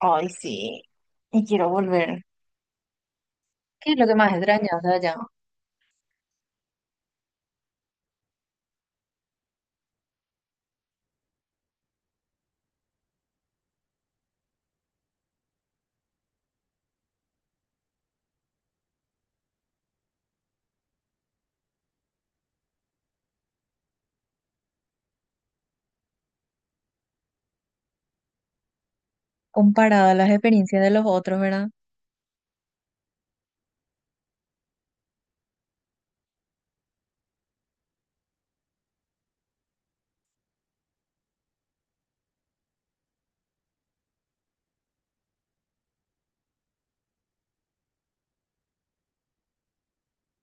Ay, sí. Y quiero volver. ¿Qué es lo que más extrañas de allá? Comparado a las experiencias de los otros, ¿verdad?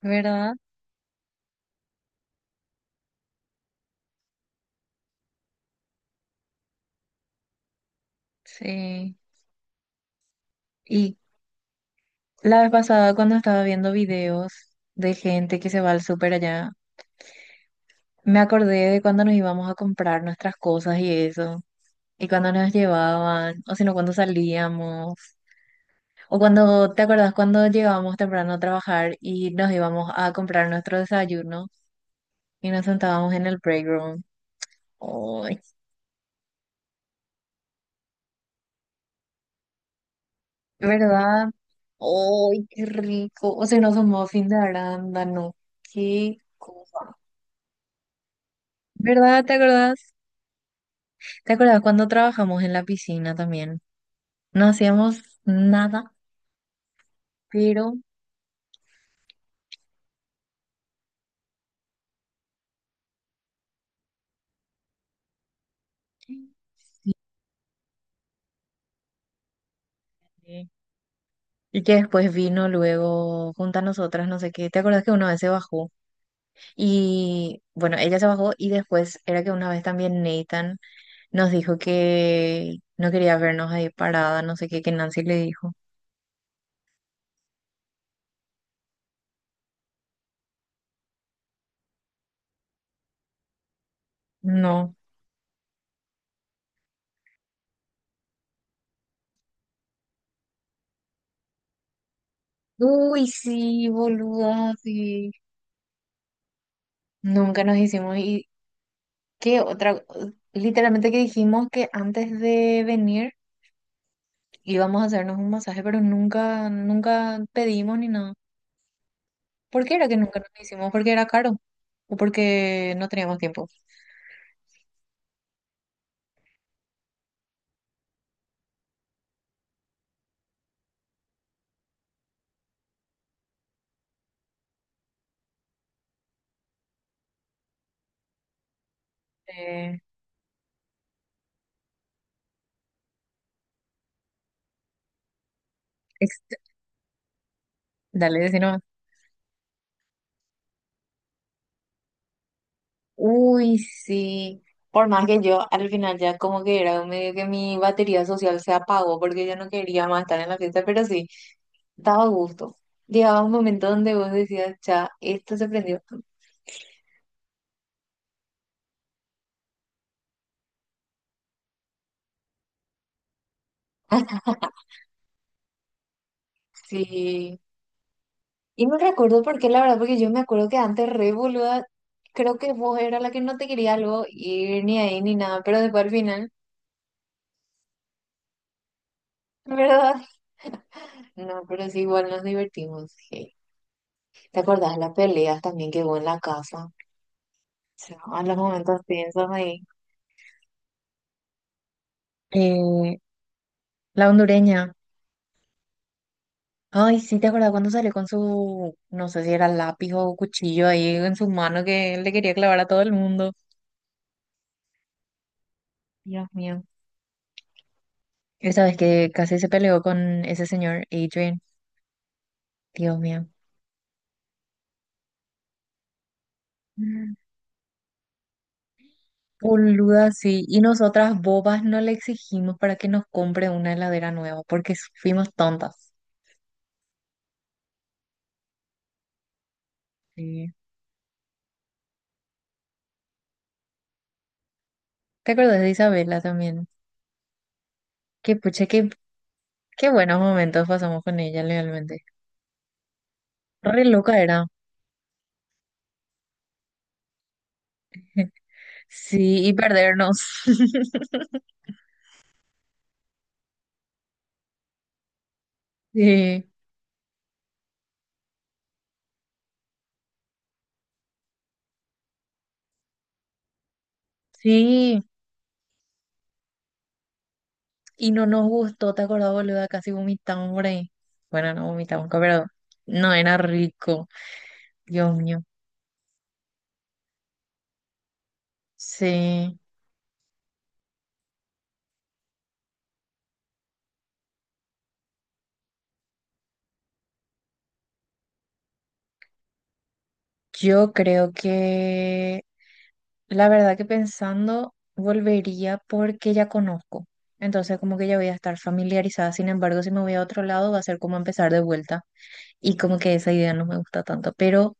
¿Verdad? Sí. Y la vez pasada cuando estaba viendo videos de gente que se va al súper allá, me acordé de cuando nos íbamos a comprar nuestras cosas y eso, y cuando nos llevaban, o si no, cuando salíamos, o cuando, ¿te acordás cuando llegábamos temprano a trabajar y nos íbamos a comprar nuestro desayuno y nos sentábamos en el break room? Ay, ¿verdad? ¡Ay, qué rico! O sea, no son muffins de arándano. ¡Qué cosa! ¿Verdad? ¿Te acordás? ¿Te acordás cuando trabajamos en la piscina también? No hacíamos nada, pero... Sí. Y que después vino luego junto a nosotras, no sé qué. ¿Te acordás que una vez se bajó? Y bueno, ella se bajó y después era que una vez también Nathan nos dijo que no quería vernos ahí parada, no sé qué, que Nancy le dijo. No. Uy, sí, boluda, sí. Nunca nos hicimos. ¿Y qué otra? Literalmente que dijimos que antes de venir íbamos a hacernos un masaje, pero nunca, nunca pedimos ni nada. ¿Por qué era que nunca nos hicimos? ¿Porque era caro? ¿O porque no teníamos tiempo? Eh, ex- Dale, decí nomás. Uy, sí. Por más que yo al final ya como que era medio que mi batería social se apagó porque yo no quería más estar en la fiesta, pero sí, daba gusto. Llegaba un momento donde vos decías, ya, esto se prendió. Sí, y me recuerdo por qué, la verdad, porque yo me acuerdo que antes re boluda, creo que vos era la que no te quería luego ir ni ahí ni nada, pero después al final, ¿verdad? No, pero sí, igual nos divertimos. Je. ¿Te acordás de las peleas también que hubo en la casa? O sea, a los momentos piensas ahí. Eh, la hondureña. Ay, sí, ¿te acuerdas cuando salió con su, no sé si era lápiz o cuchillo ahí en su mano que le quería clavar a todo el mundo? Dios mío. Esa vez que casi se peleó con ese señor Adrian. Dios mío. Mm. Boluda, sí. Y nosotras bobas no le exigimos para que nos compre una heladera nueva porque fuimos tontas. Sí. ¿Te acuerdas de Isabela también? Que pucha, qué, qué buenos momentos pasamos con ella, realmente. Re loca era. Sí, y perdernos. Sí, sí. Y no nos gustó, ¿te acordás, boluda? Casi vomitamos por ahí. Bueno, no vomitamos, pero no era rico. Dios mío. Sí. Yo creo que la verdad que pensando, volvería porque ya conozco. Entonces, como que ya voy a estar familiarizada. Sin embargo, si me voy a otro lado, va a ser como empezar de vuelta. Y como que esa idea no me gusta tanto. Pero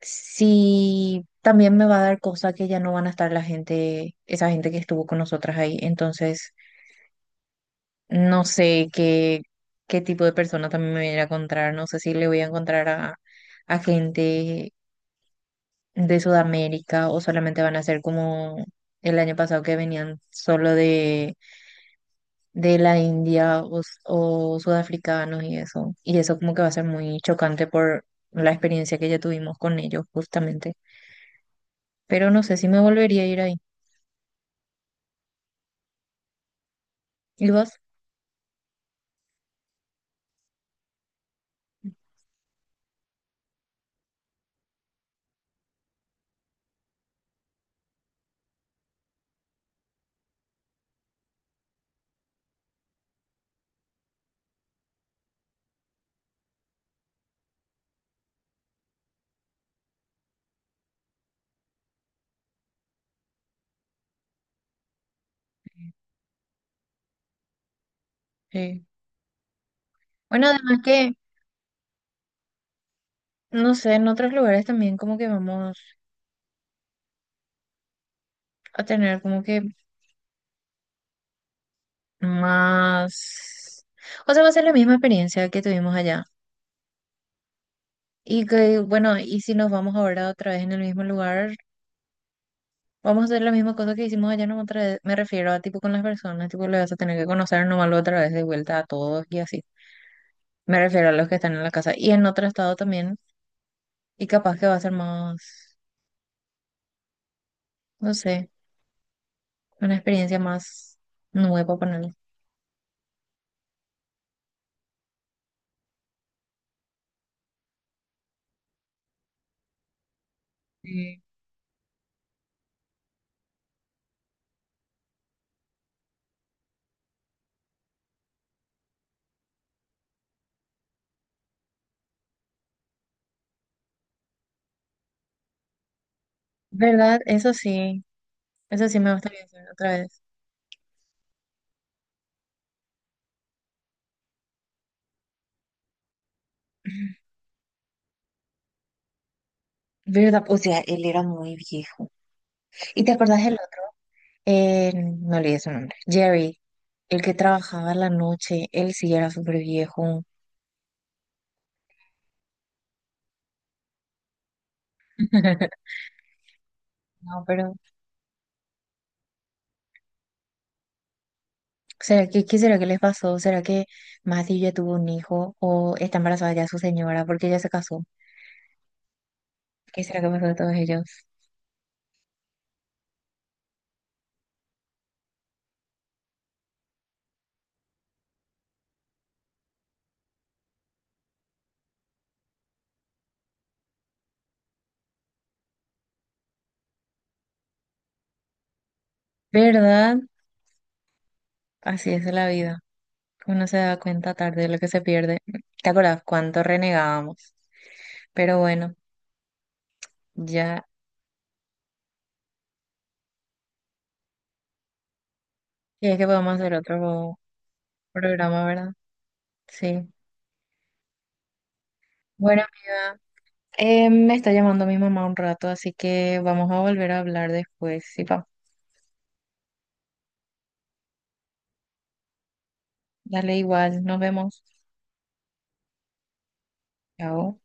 sí, también me va a dar cosas que ya no van a estar la gente, esa gente que estuvo con nosotras ahí. Entonces, no sé qué, qué tipo de persona también me voy a ir a encontrar. No sé si le voy a encontrar a gente de Sudamérica o solamente van a ser como el año pasado que venían solo de la India o, s- o sudafricanos y eso. Y eso como que va a ser muy chocante por la experiencia que ya tuvimos con ellos justamente. Pero no sé si me volvería a ir ahí. ¿Y vos? Sí. Bueno, además que, no sé, en otros lugares también como que vamos a tener como que más... O sea, va a ser la misma experiencia que tuvimos allá. Y que, bueno, y si nos vamos ahora otra vez en el mismo lugar, vamos a hacer la misma cosa que hicimos allá no otra vez. Me refiero a tipo con las personas, tipo le vas a tener que conocer nomás otra vez de vuelta a todos y así. Me refiero a los que están en la casa y en otro estado también. Y capaz que va a ser más, no sé, una experiencia más nueva ponerle. Sí. ¿Verdad? Eso sí me gustaría hacer otra vez. ¿Verdad? O sea, él era muy viejo. ¿Y te acordás del otro? Me olvidé su nombre. Jerry, el que trabajaba a la noche, él sí era súper viejo. No, pero ¿será que, qué será que les pasó? ¿Será que Mati ya tuvo un hijo o está embarazada ya su señora porque ya se casó? ¿Qué será que pasó de todos ellos? ¿Verdad? Así es la vida. Uno se da cuenta tarde de lo que se pierde. ¿Te acuerdas cuánto renegábamos? Pero bueno, ya, ya es que podemos hacer otro programa, ¿verdad? Sí. Bueno, amiga, me está llamando mi mamá un rato, así que vamos a volver a hablar después. Sí, pa. Dale igual, nos vemos. Chao.